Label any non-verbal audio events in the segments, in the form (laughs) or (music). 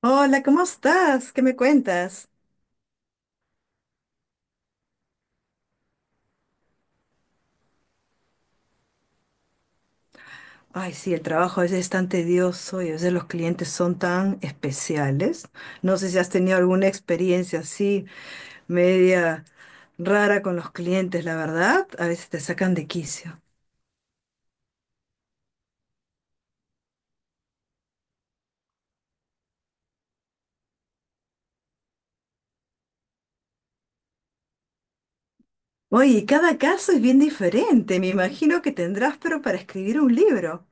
Hola, ¿cómo estás? ¿Qué me cuentas? Ay, sí, el trabajo a veces es tan tedioso y a veces los clientes son tan especiales. No sé si has tenido alguna experiencia así, media rara con los clientes, la verdad. A veces te sacan de quicio. Oye, y cada caso es bien diferente. Me imagino que tendrás, pero para escribir un libro.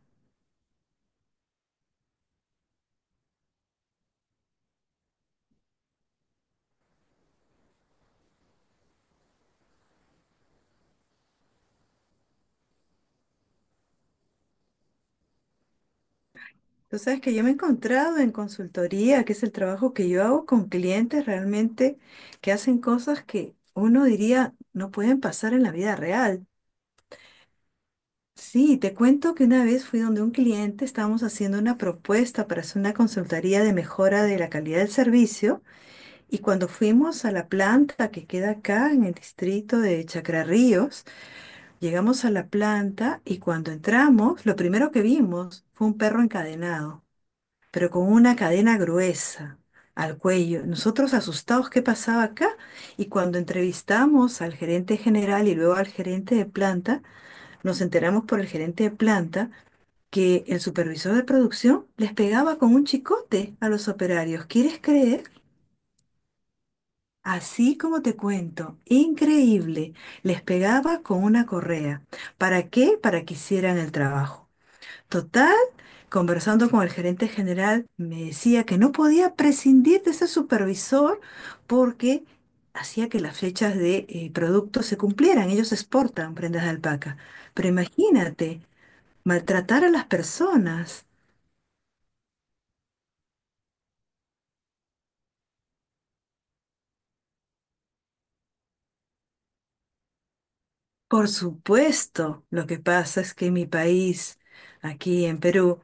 Tú sabes que yo me he encontrado en consultoría, que es el trabajo que yo hago con clientes realmente que hacen cosas que uno diría no pueden pasar en la vida real. Sí, te cuento que una vez fui donde un cliente, estábamos haciendo una propuesta para hacer una consultoría de mejora de la calidad del servicio y cuando fuimos a la planta que queda acá en el distrito de Chacrarríos, llegamos a la planta y cuando entramos, lo primero que vimos fue un perro encadenado, pero con una cadena gruesa al cuello. Nosotros asustados, ¿qué pasaba acá? Y cuando entrevistamos al gerente general y luego al gerente de planta, nos enteramos por el gerente de planta que el supervisor de producción les pegaba con un chicote a los operarios. ¿Quieres creer? Así como te cuento, increíble, les pegaba con una correa. ¿Para qué? Para que hicieran el trabajo. Total, conversando con el gerente general, me decía que no podía prescindir de ese supervisor porque hacía que las fechas de productos se cumplieran. Ellos exportan prendas de alpaca. Pero imagínate, maltratar a las personas. Por supuesto, lo que pasa es que en mi país, aquí en Perú,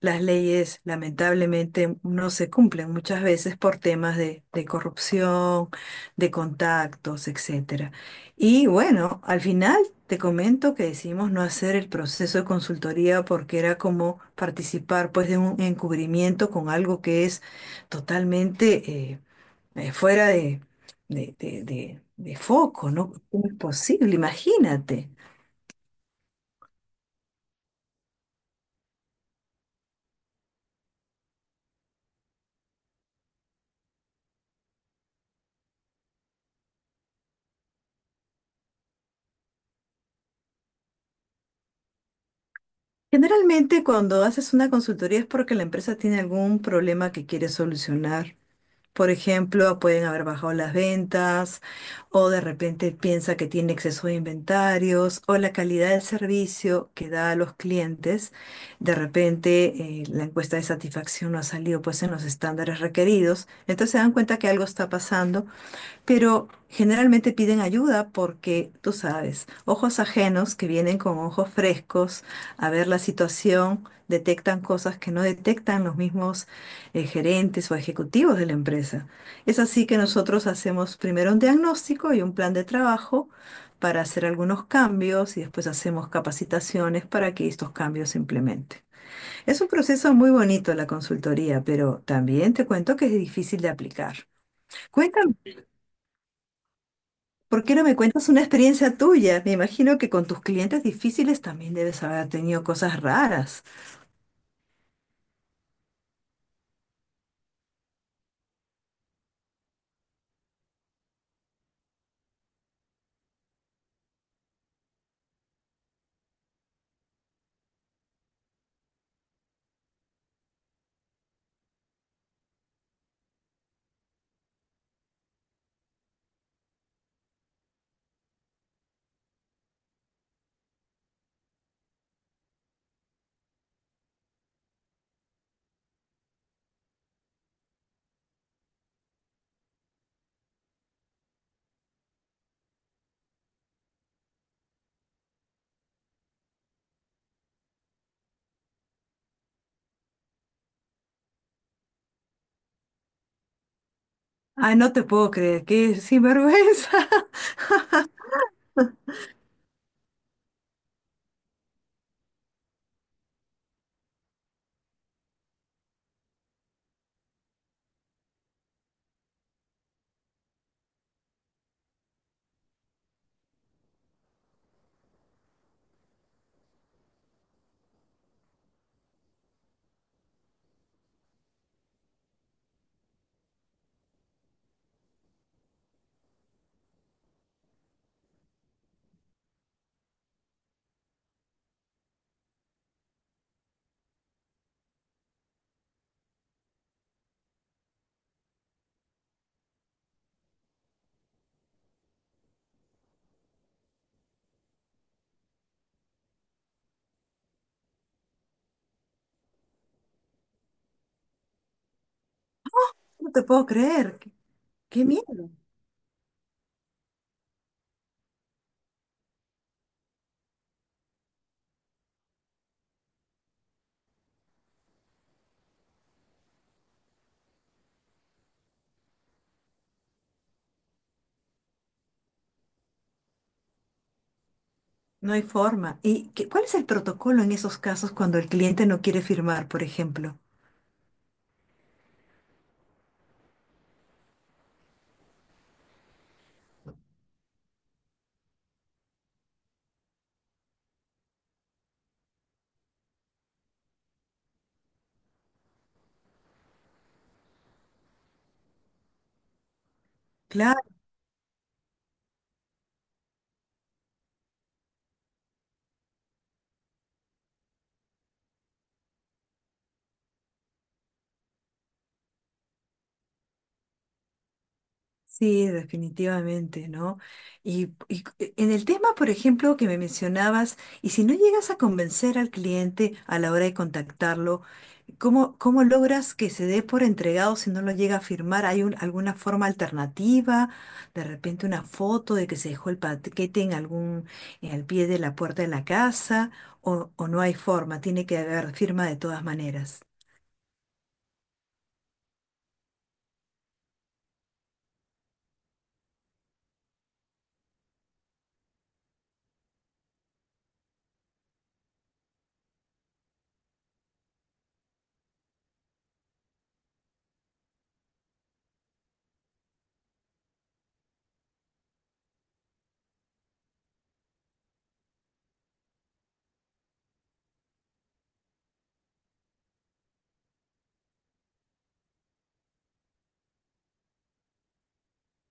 las leyes lamentablemente no se cumplen muchas veces por temas de corrupción, de contactos, etcétera. Y bueno, al final te comento que decidimos no hacer el proceso de consultoría porque era como participar pues de un encubrimiento con algo que es totalmente... fuera de foco, ¿no? ¿Cómo es posible? Imagínate. Generalmente cuando haces una consultoría es porque la empresa tiene algún problema que quiere solucionar. Por ejemplo, pueden haber bajado las ventas o de repente piensa que tiene exceso de inventarios o la calidad del servicio que da a los clientes. De repente la encuesta de satisfacción no ha salido pues en los estándares requeridos. Entonces se dan cuenta que algo está pasando. Pero generalmente piden ayuda porque, tú sabes, ojos ajenos que vienen con ojos frescos a ver la situación, detectan cosas que no detectan los mismos gerentes o ejecutivos de la empresa. Es así que nosotros hacemos primero un diagnóstico y un plan de trabajo para hacer algunos cambios y después hacemos capacitaciones para que estos cambios se implementen. Es un proceso muy bonito la consultoría, pero también te cuento que es difícil de aplicar. Cuéntame. ¿Por qué no me cuentas una experiencia tuya? Me imagino que con tus clientes difíciles también debes haber tenido cosas raras. Ay, no te puedo creer, qué sinvergüenza. (laughs) No te puedo creer, qué, qué miedo. No hay forma. ¿Y cuál es el protocolo en esos casos cuando el cliente no quiere firmar, por ejemplo? Claro. Sí, definitivamente, ¿no? Y en el tema, por ejemplo, que me mencionabas, y si no llegas a convencer al cliente a la hora de contactarlo, ¿cómo, cómo logras que se dé por entregado si no lo llega a firmar? ¿Hay alguna forma alternativa? De repente una foto de que se dejó el paquete en algún, en el pie de la puerta de la casa, o no hay forma, tiene que haber firma de todas maneras.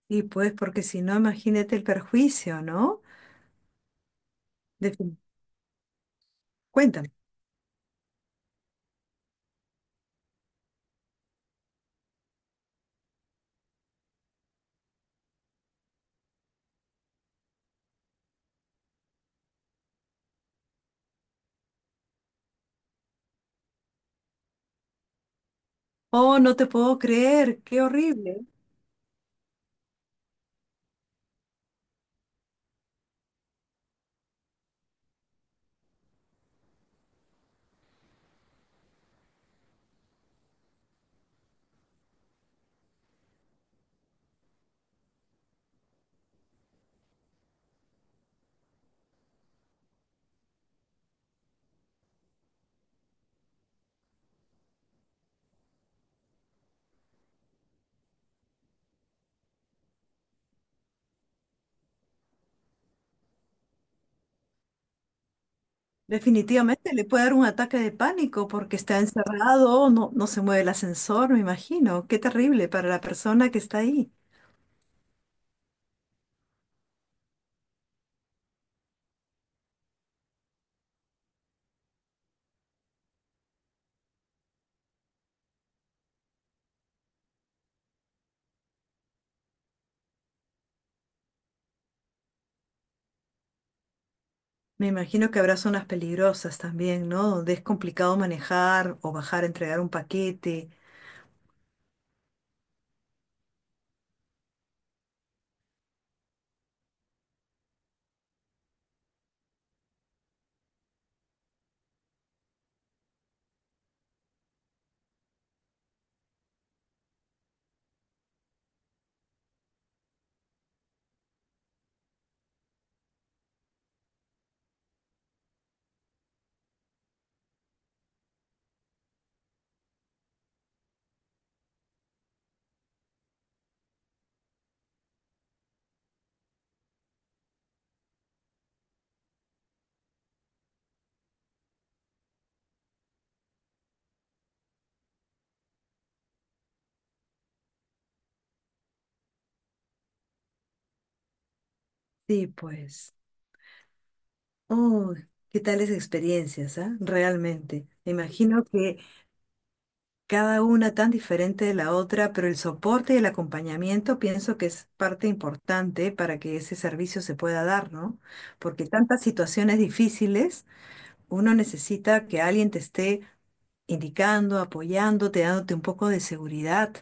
Y pues, porque si no, imagínate el perjuicio, ¿no? Defin- Cuéntame. Oh, no te puedo creer, qué horrible. Definitivamente le puede dar un ataque de pánico porque está encerrado, no, no se mueve el ascensor, me imagino. Qué terrible para la persona que está ahí. Me imagino que habrá zonas peligrosas también, ¿no? Donde es complicado manejar o bajar a entregar un paquete. Sí, pues. Uy, qué tales experiencias, ¿ah? Realmente. Me imagino que cada una tan diferente de la otra, pero el soporte y el acompañamiento pienso que es parte importante para que ese servicio se pueda dar, ¿no? Porque tantas situaciones difíciles, uno necesita que alguien te esté indicando, apoyándote, dándote un poco de seguridad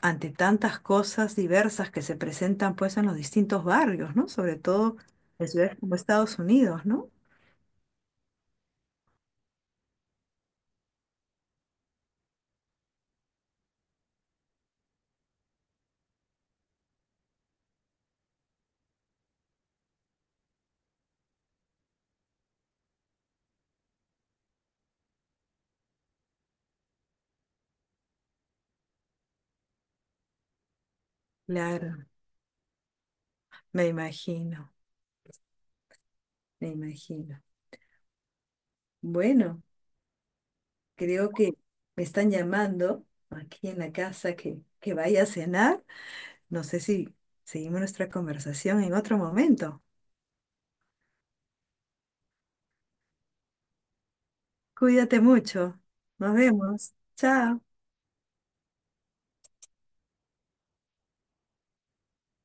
ante tantas cosas diversas que se presentan pues en los distintos barrios, ¿no? Sobre todo en ciudades como Estados Unidos, ¿no? Claro, me imagino, me imagino. Bueno. Creo que me están llamando aquí en la casa que vaya a cenar. No sé si seguimos nuestra conversación en otro momento. Cuídate mucho. Nos vemos. Chao.